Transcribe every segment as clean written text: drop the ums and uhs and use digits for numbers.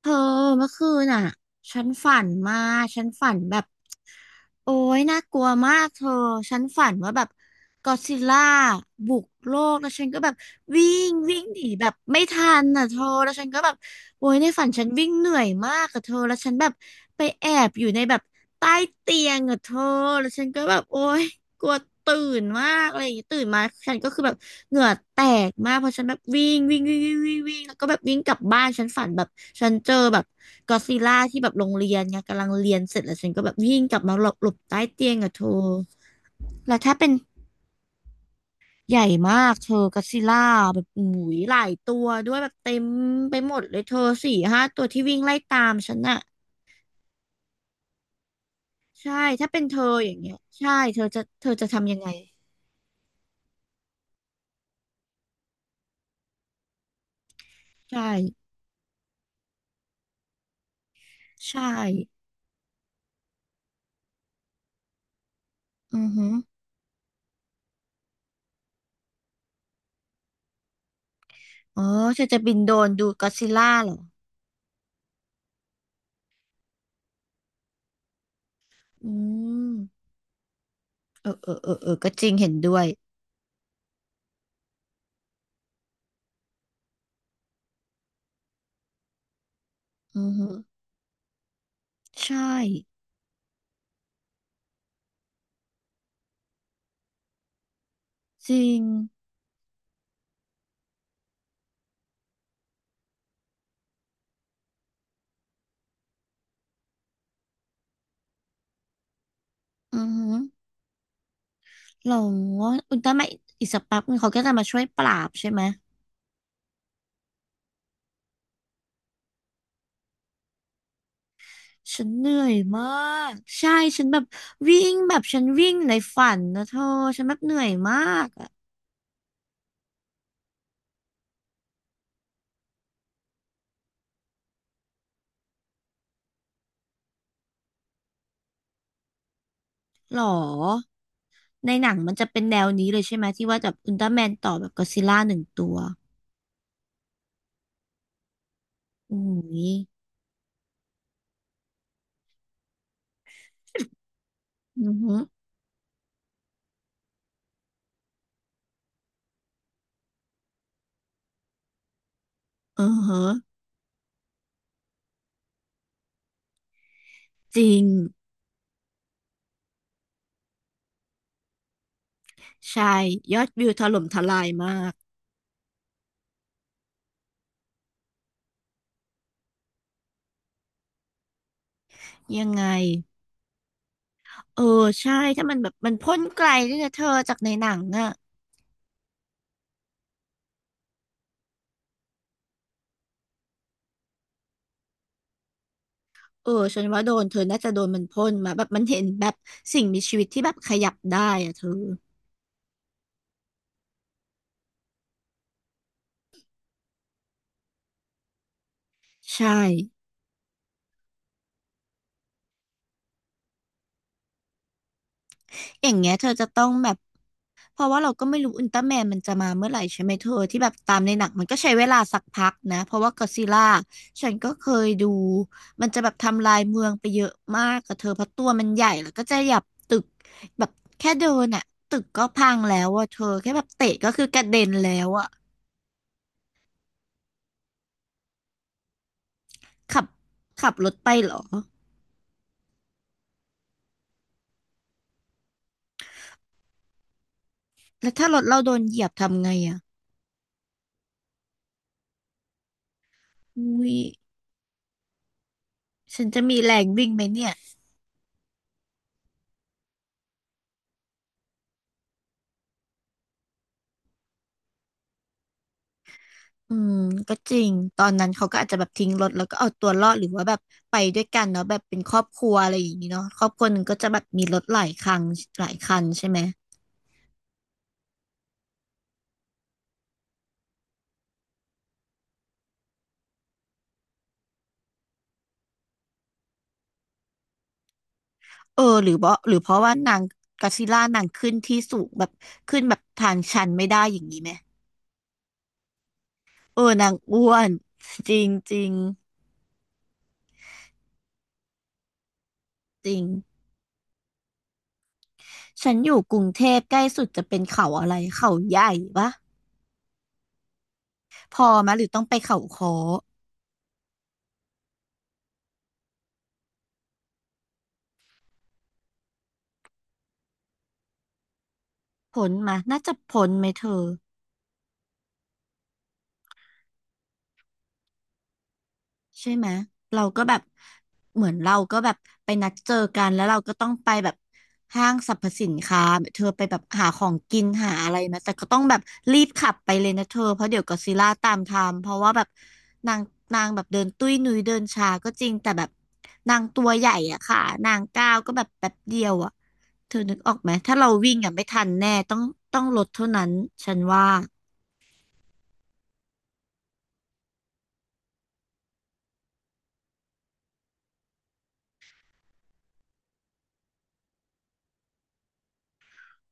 เธอเมื่อคืนน่ะฉันฝันมาฉันฝันแบบโอ้ยน่ากลัวมากเธอฉันฝันว่าแบบก็อดซิลล่าบุกโลกแล้วฉันก็แบบวิ่งวิ่งหนีแบบไม่ทันน่ะเธอแล้วฉันก็แบบโอ้ยในฝันฉันวิ่งเหนื่อยมากอะเธอแล้วฉันแบบไปแอบอยู่ในแบบใต้เตียงอะเธอแล้วฉันก็แบบโอ้ยกลัวตื่นมากอะไรอย่างงี้ตื่นมาฉันก็คือแบบ เหงื่อแตกมากเพราะฉันแบบวิ่งวิ่งวิ่งวิ่งวิ่งวิ่งแล้วก็แบบวิ่งกลับบ้านฉันฝันแบบฉันเจอแบบกอซิล่าที่แบบโรงเรียนไงกำลังเรียนเสร็จแล้วฉันก็แบบวิ่งกลับมาหลบหลบใต้เตียงอะเธอแล้วถ้าเป็นใหญ่มากเธอกอซิล่าแบบอุ้ยหลายตัวด้วยแบบเต็มไปหมดเลยเธอสี่ห้าตัวที่วิ่งไล่ตามฉันอะใช่ถ้าเป็นเธออย่างเงี้ยใช่เธอจะทำยังไงใช่ใช่อือฮึออ๋อเธอจะบินโดรนดูกอดซิลล่าเหรออืม เออเออเออเออ ก็จริงเห็นด้วย อือฮึใช่จริงอือฮึเราว่าอุลตร้าแมนอีกสักแป๊บนึงเขาก็จะมาช่วยปราบใช่ไหมฉันเหนื่อยมากใช่ฉันแบบวิ่งแบบฉันวิ่งในฝันนะเธอฉันแบบเหนื่อยมากอะหรอในหนังมันจะเป็นแนวนี้เลยใช่ไหมที่ว่าแบบอุลตร้าแมนต่อแบบก็อดซิลล่าหนึ่งตัวอุ้ยอือฮึอือฮึจริงใช่ยอดวิวถล่มทลายมากยังไง เออใช่ถ้ามันแบบมันพ่นไกลด้วยนะเธอจากในหนังอ่ะเออฉันว่าโดนเธอน่าจะโดนมันพ่นมาแบบมันเห็นแบบสิ่งมีชีวิตที่แบบขยับได้อะเธอใช่อย่างเงี้ยเธอจะต้องแบบเพราะว่าเราก็ไม่รู้อุลตร้าแมนมันจะมาเมื่อไหร่ใช่ไหมเธอที่แบบตามในหนังมันก็ใช้เวลาสักพักนะเพราะว่าก็อดซิลล่าฉันก็เคยดูมันจะแบบทำลายเมืองไปเยอะมากกับเธอเพราะตัวมันใหญ่แล้วก็จะหยับตึกแบบแค่เดินอ่ะตึกก็พังแล้วอ่ะเธอแค่แบบเตะก็คือกระเด็นแล้วอ่ะ ขับขับรถไปเหรอ แล้วถ้ารถเราโดนเหยียบทำไงอ่ะอุ้ยฉันจะมีแรงวิ่งไหมเนี่ย อืมก็จริง ตอนนั้นเขาก็อาจจะแบบทิ้งรถแล้วก็เอาตัวรอดหรือว่าแบบไปด้วยกันเนาะแบบเป็นครอบครัวอะไรอย่างนี้เนาะครอบครัวหนึ่งก็จะแบบมีรถหลายคันหลายคันใช่ไหม เออ หรือเพราะว่านางก็อดซิลล่านางขึ้นที่สูงแบบขึ้นแบบทางชันไม่ได้อย่างนี้ไหมเออนางอ้วนจริงจริงจริง ฉันอยู่กรุงเทพใกล้สุดจะเป็นเขาอะไรเขาใหญ่ปะพอมะหรือต้องไปเขาคอพ้นมะน่าจะพ้นไหมเธอ ใช่ไหมเราก็แบบเหมือนเราก็แบบไปนัดเจอกันแล้วเราก็ต้องไปแบบห้างสรรพสินค้าเธอไปแบบหาของกินหาอะไรมาแต่ก็ต้องแบบรีบขับไปเลยนะเธอเพราะเดี๋ยวก็อดซิลล่าตามทามเพราะว่าแบบนางนางแบบเดินตุ้ยนุ้ยเดินช้าก็จริงแต่แบบนางตัวใหญ่อะค่ะนางก้าวก็แบบแป๊บเดียวอะเธอนึกออกไหมถ้าเราวิ่งอะไม่ทันแน่ต้องลดเท่านั้นฉันว่า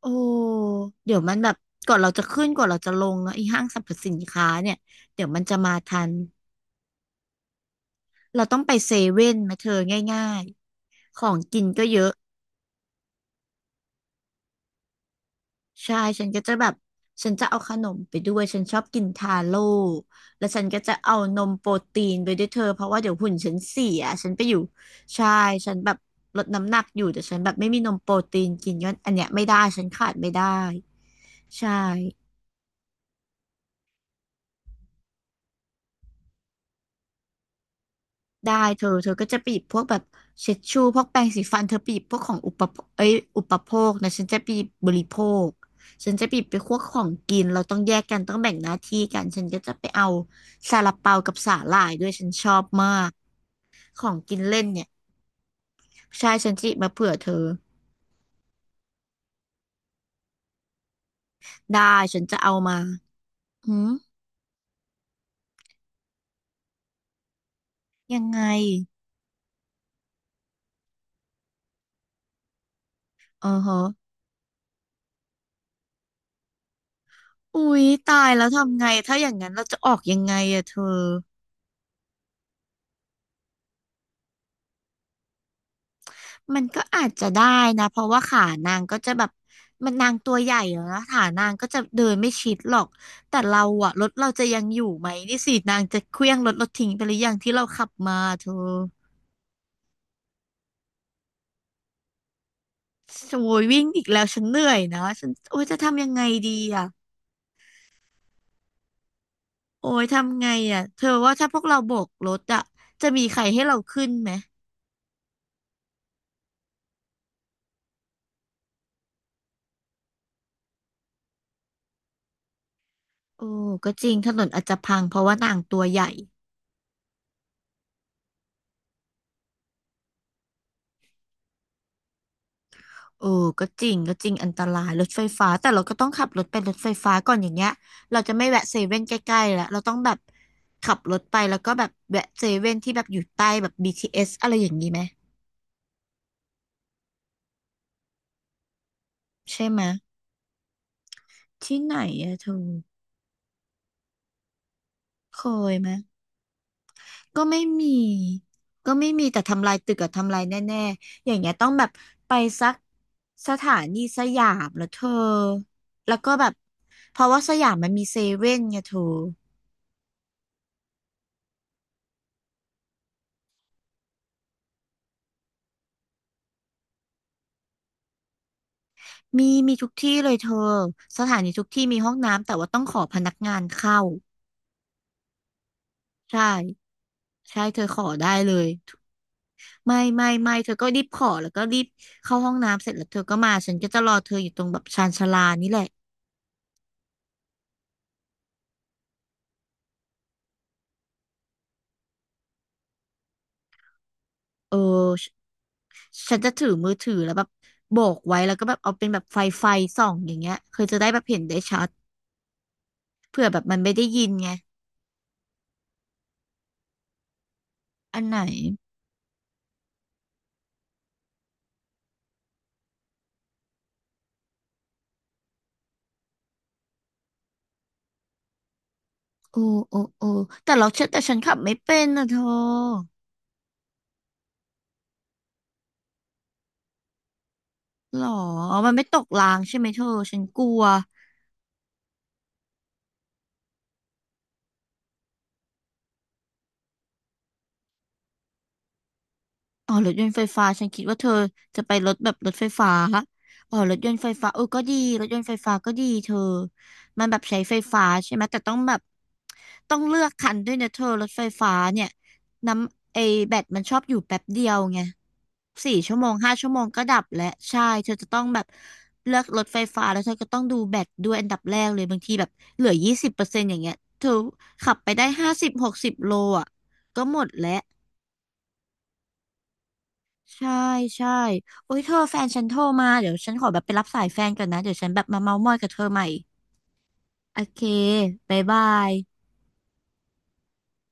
โอ้เดี๋ยวมันแบบก่อนเราจะขึ้นก่อนเราจะลงเนาะไอ้ห้างสรรพสินค้าเนี่ยเดี๋ยวมันจะมาทันเราต้องไปเซเว่นไหมาเธอง่ายๆของกินก็เยอะใช่ฉันก็จะแบบฉันจะเอาขนมไปด้วยฉันชอบกินทาโร่แล้วฉันก็จะเอานมโปรตีนไปด้วยเธอเพราะว่าเดี๋ยวหุ่นฉันเสียฉันไปอยู่ใช่ฉันแบบลดน้ำหนักอยู่แต่ฉันแบบไม่มีนมโปรตีนกินก็อันเนี้ยไม่ได้ฉันขาดไม่ได้ใช่ ได้เธอก็จะไปหยิบพวกแบบเช็ดชูพวกแปรงสีฟันเธอไปหยิบพวกของอุปโภคเอ้ยอุปโภคนะฉันจะไปหยิบบริโภคฉันจะไปหยิบไปพวกของกินเราต้องแยกกันต้องแบ่งหน้าที่กันฉันก็จะไปเอาซาลาเปากับสาหร่ายด้วยฉันชอบมากของกินเล่นเนี่ยใช่ฉันจะหยิบมาเผื่อเธอได้ฉันจะเอามาหืมยังไงอ๋อฮะอุ๊ยตายแล้วทำไงถ้าอย่างนั้นเราจะออกยังไงอะเธอ มันก็อาจจะได้นะเพราะว่าขานางก็จะแบบมันนางตัวใหญ่แล้วนะขานางก็จะเดินไม่ชิดหรอกแต่เราอะรถเราจะยังอยู่ไหมนี่สินางจะเคลี้ยงรถเราทิ้งไปหรือยังที่เราขับมาเธอโอ้ยวิ่งอีกแล้วฉันเหนื่อยนะฉันโอ้ยจะทำยังไงดีอะโอ้ยทำไงอะเธอว่าถ้าพวกเราโบกรถอะจะมีใครให้เราขึ้นไหมโอ้ก็จริงถนนอาจจะพังเพราะว่านางตัวใหญ่ เออก็จริงก็จริงอันตรายรถไฟฟ้าแต่เราก็ต้องขับรถไปรถไฟฟ้าก่อนอย่างเงี้ยเราจะไม่แวะเซเว่นใกล้ๆแล้วเราต้องแบบขับรถไปแล้วก็แบบแวะเซเว่นที่แบบอยู่ใต้แบบ BTS อสอะไรอย่างนี้ไหมใช่ไหมที่ไหนอะเธอเคยไหมก็ไม่มีก็ไม่มีแต่ทำลายตึกอะทำลายแน่ๆอย่างเงี้ยต้องแบบไปสักสถานีสยามแล้วเธอแล้วก็แบบเพราะว่าสยามมันมีเซเว่นไงเธอ มีทุกที่เลยเธอสถานีทุกที่มีห้องน้ำแต่ว่าต้องขอพนักงานเข้าใช่ใช่เธอขอได้เลยไม่ไม่ไม่เธอก็รีบขอแล้วก็รีบเข้าห้องน้ำเสร็จแล้วเธอก็มาฉันก็จะรอเธออยู่ตรงแบบชานชาลานี่แหละเออฉฉันจะถือมือถือแล้วแบบโบกไว้แล้วก็แบบเอาเป็นแบบไฟส่องอย่างเงี้ยเธอจะได้แบบเห็นได้ชัดเผื่อแบบมันไม่ได้ยินไงอันไหนโอ้โอ้โอ้แต่เราเชื่อแต่ฉันขับไม่เป็นนะเธอ หรอ มันไม่ตกรางใช่ไหมเธอฉันกลัว อ๋อรถยนต์ไฟฟ้าฉันคิดว่าเธอจะไปรถแบบรถไฟฟ้าอ๋อรถยนต์ไฟฟ้าเออก็ดีรถยนต์ไฟฟ้าก็ดีเธอมันแบบใช้ไฟฟ้าใช่ไหมแต่ต้องแบบต้องเลือกคันด้วยนะเธอรถไฟฟ้าเนี่ยน้ำไอแบตมันชอบอยู่แป๊บเดียวไง4 ชั่วโมง5 ชั่วโมงก็ดับแล้วใช่เธอจะต้องแบบเลือกรถไฟฟ้าแล้วเธอก็ต้องดูแบตด้วยอันดับแรกเลยบางทีแบบเหลือ20%อย่างเงี้ยเธอขับไปได้5060โลอ่ะก็หมดแล้ว ใช่ใช่โอ้ยเธอแฟนฉันโทรมาเดี๋ยวฉันขอแบบไปรับสายแฟนก่อนนะเดี๋ยวฉันแบบมาเม้าท์มอยกับเธอใหม่โอเคบ๊ายบาย